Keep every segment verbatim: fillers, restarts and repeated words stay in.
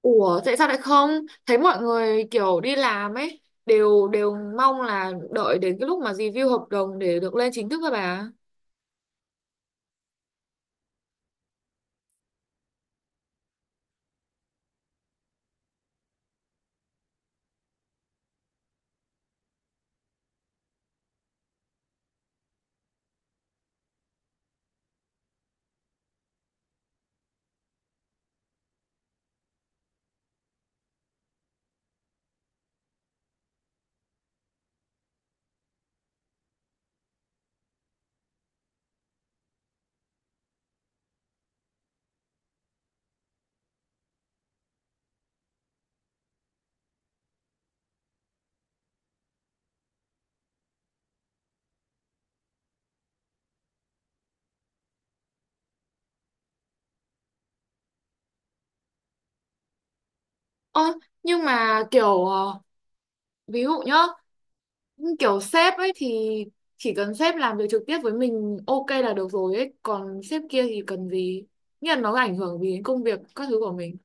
Ủa tại sao lại không? Thấy mọi người kiểu đi làm ấy đều đều mong là đợi đến cái lúc mà review hợp đồng để được lên chính thức các bà. Ơ nhưng mà kiểu ờ, ví dụ nhá, kiểu sếp ấy thì chỉ cần sếp làm việc trực tiếp với mình ok là được rồi ấy, còn sếp kia thì cần gì? Nghĩa là nó ảnh hưởng gì đến công việc các thứ của mình.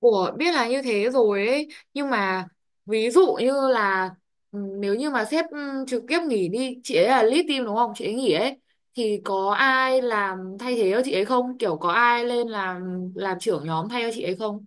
Ủa, biết là như thế rồi ấy, nhưng mà ví dụ như là ừ, nếu như mà sếp ừ, trực tiếp nghỉ đi, chị ấy là lead team đúng không? Chị ấy nghỉ ấy thì có ai làm thay thế cho chị ấy không? Kiểu có ai lên làm làm trưởng nhóm thay cho chị ấy không?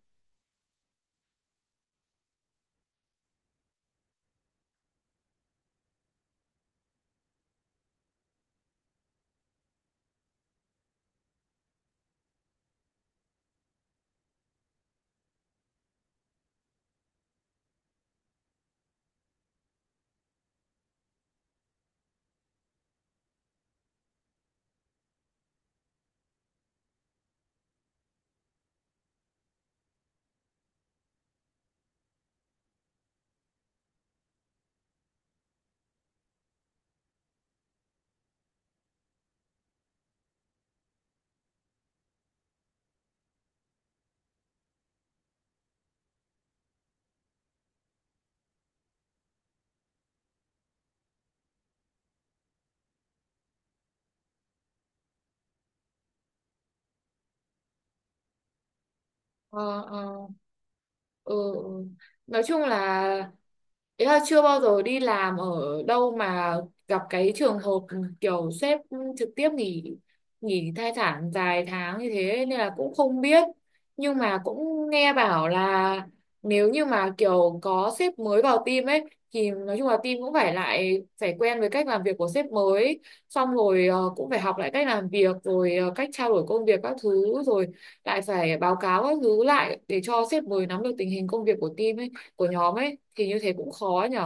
Ờ, ờ. Ừ. Ừ. Nói chung là ý là chưa bao giờ đi làm ở đâu mà gặp cái trường hợp ừ, kiểu sếp trực tiếp nghỉ nghỉ thai sản dài tháng như thế nên là cũng không biết, nhưng mà cũng nghe bảo là nếu như mà kiểu có sếp mới vào team ấy thì nói chung là team cũng phải lại phải quen với cách làm việc của sếp mới, xong rồi ờ, cũng phải học lại cách làm việc rồi ờ, cách trao đổi công việc các thứ, rồi lại phải báo cáo các thứ lại để cho sếp mới nắm được tình hình công việc của team ấy, của nhóm ấy thì như thế cũng khó nhỉ.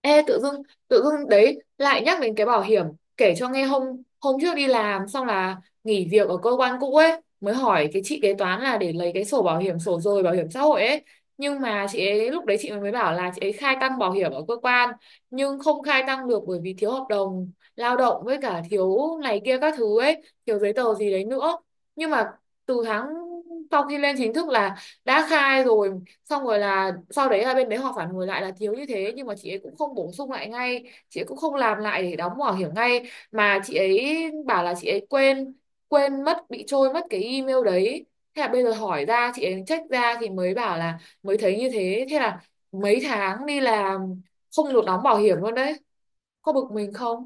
Ê tự dưng tự dưng đấy lại nhắc đến cái bảo hiểm, kể cho nghe hôm hôm trước đi làm xong là nghỉ việc ở cơ quan cũ ấy, mới hỏi cái chị kế toán là để lấy cái sổ bảo hiểm sổ rồi bảo hiểm xã hội ấy, nhưng mà chị ấy lúc đấy chị mới bảo là chị ấy khai tăng bảo hiểm ở cơ quan nhưng không khai tăng được bởi vì thiếu hợp đồng lao động với cả thiếu này kia các thứ ấy, thiếu giấy tờ gì đấy nữa, nhưng mà từ tháng sau khi lên chính thức là đã khai rồi, xong rồi là sau đấy là bên đấy họ phản hồi lại là thiếu như thế nhưng mà chị ấy cũng không bổ sung lại ngay, chị ấy cũng không làm lại để đóng bảo hiểm ngay mà chị ấy bảo là chị ấy quên quên mất, bị trôi mất cái email đấy, thế là bây giờ hỏi ra chị ấy check ra thì mới bảo là mới thấy như thế. Thế là mấy tháng đi làm không được đóng bảo hiểm luôn đấy, có bực mình không?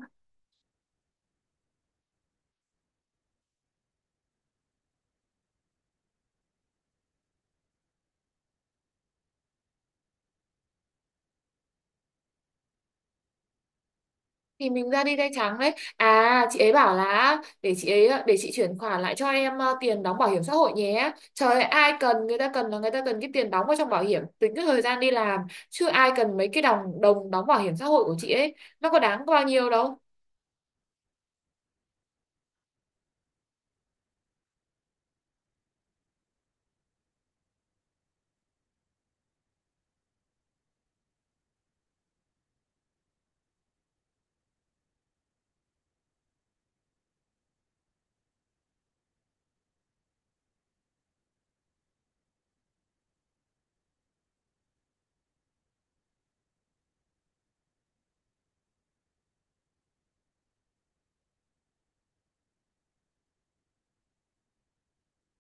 Thì mình ra đi tay trắng đấy, à chị ấy bảo là để chị ấy để chị chuyển khoản lại cho em ờ, tiền đóng bảo hiểm xã hội nhé. Trời ơi, ai cần, người ta cần là người ta cần cái tiền đóng vào trong bảo hiểm tính cái thời gian đi làm chứ ai cần mấy cái đồng đồng đóng bảo hiểm xã hội của chị ấy, nó có đáng bao nhiêu đâu.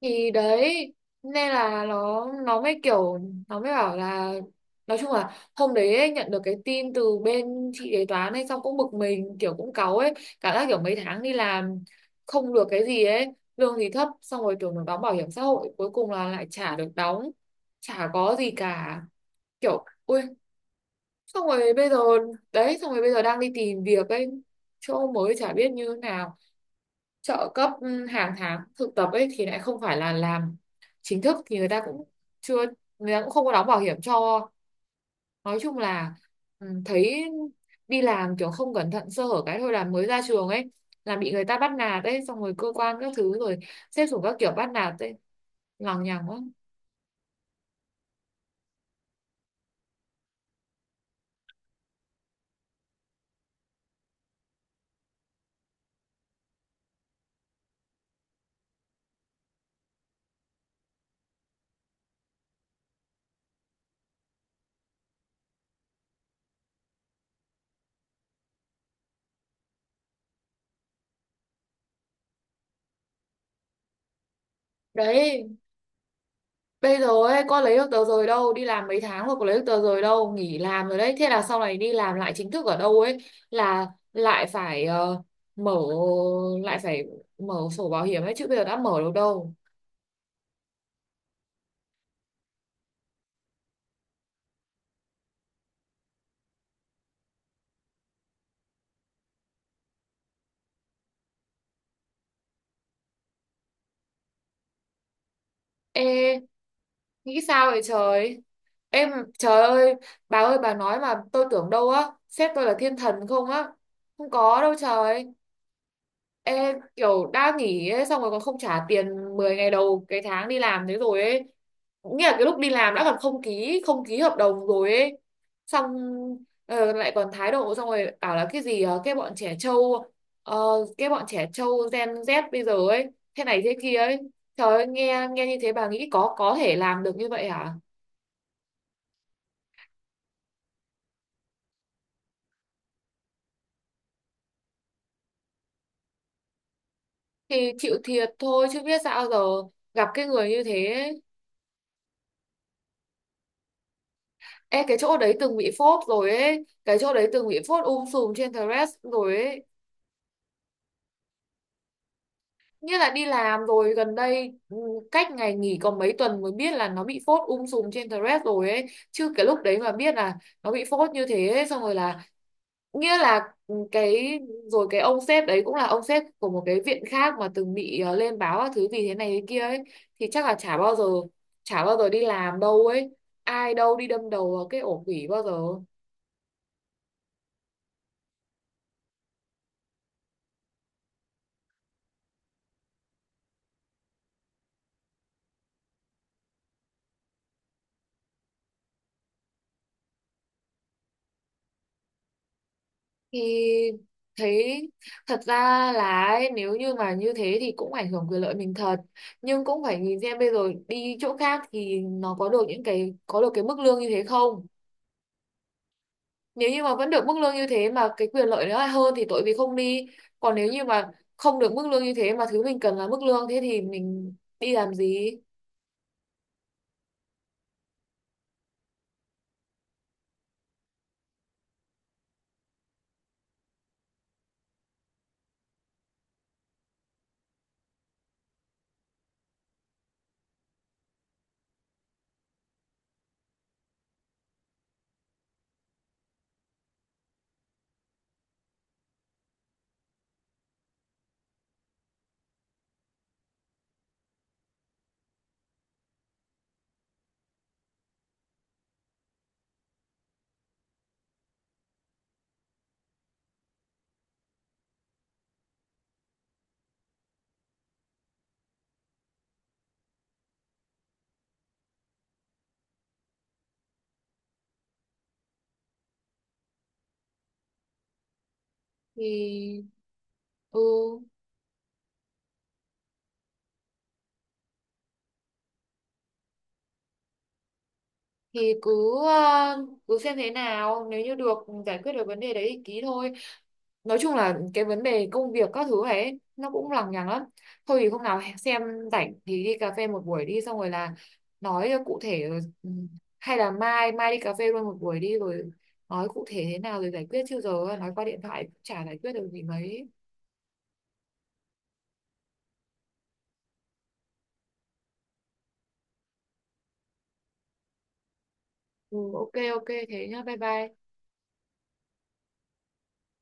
Thì đấy, nên là nó nó mới kiểu nó mới bảo là, nói chung là hôm đấy ấy, nhận được cái tin từ bên chị kế toán ấy xong cũng bực mình, kiểu cũng cáu ấy, cảm giác kiểu mấy tháng đi làm không được cái gì ấy, lương thì thấp xong rồi tưởng được đóng bảo hiểm xã hội cuối cùng là lại chả được đóng, chả có gì cả, kiểu ui, xong rồi bây giờ đấy, xong rồi bây giờ đang đi tìm việc ấy chỗ mới chả biết như thế nào, trợ cấp hàng tháng thực tập ấy thì lại không phải là làm chính thức thì người ta cũng chưa người ta cũng không có đóng bảo hiểm cho. Nói chung là ừ, thấy đi làm kiểu không cẩn thận sơ hở cái thôi là mới ra trường ấy là bị người ta bắt nạt ấy, xong rồi cơ quan các thứ rồi xếp xuống các kiểu bắt nạt ấy, lằng nhằng quá. Đấy, bây giờ ấy, con lấy được tờ rời đâu, đi làm mấy tháng rồi có lấy được tờ rời đâu, nghỉ làm rồi đấy. Thế là sau này đi làm lại chính thức ở đâu ấy là lại phải ờ, mở lại phải mở sổ bảo hiểm ấy chứ bây giờ đã mở được đâu. Ê, nghĩ sao vậy trời? Em Trời ơi, bà ơi bà nói mà tôi tưởng đâu á, sếp tôi là thiên thần không á. Không có đâu trời. Ê, kiểu đã nghỉ ấy, xong rồi còn không trả tiền mười ngày đầu cái tháng đi làm thế rồi ấy. Nghĩa là cái lúc đi làm đã còn không ký, không ký hợp đồng rồi ấy. Xong ờ, lại còn thái độ, xong rồi bảo là cái gì ờ, cái bọn trẻ trâu ờ, cái bọn trẻ trâu Gen Z bây giờ ấy, thế này thế kia ấy. Trời ơi, nghe nghe như thế bà nghĩ có có thể làm được như vậy hả? Thì chịu thiệt thôi chứ biết sao giờ, gặp cái người như thế. Ê, cái chỗ đấy từng bị phốt rồi ấy, cái chỗ đấy từng bị phốt um sùm trên Threads rồi ấy, nghĩa là đi làm rồi gần đây ừ, cách ngày nghỉ còn mấy tuần mới biết là nó bị phốt um sùm trên Threads rồi ấy, chứ cái lúc đấy mà biết là nó bị phốt như thế ấy, xong rồi là nghĩa là ừ, cái rồi cái ông sếp đấy cũng là ông sếp của một cái viện khác mà từng bị ờ, lên báo các thứ vì thế này thế kia ấy, thì chắc là chả bao giờ chả bao giờ đi làm đâu ấy, ai đâu đi đâm đầu vào cái ổ quỷ bao giờ. Thì thấy thật ra là ấy, nếu như mà như thế thì cũng ảnh hưởng quyền lợi mình thật, nhưng cũng phải nhìn xem bây giờ đi chỗ khác thì nó có được những cái có được cái mức lương như thế không, nếu như mà vẫn được mức lương như thế mà cái quyền lợi nó lại hơn thì tội gì không đi, còn nếu như mà không được mức lương như thế mà thứ mình cần là mức lương thế thì mình đi làm gì. Thì ừ thì cứ ờ, cứ xem thế nào, nếu như được giải quyết được vấn đề đấy thì ký thôi. Nói chung là cái vấn đề công việc các thứ ấy nó cũng lằng nhằng lắm, thôi thì hôm nào xem rảnh thì đi cà phê một buổi đi, xong rồi là nói cho cụ thể. ừ, hay là mai mai đi cà phê luôn một buổi đi rồi nói cụ thể thế nào rồi giải quyết, chứ giờ nói qua điện thoại cũng chả giải quyết được gì mấy. Ừ, ok ok thế nhá, bye bye.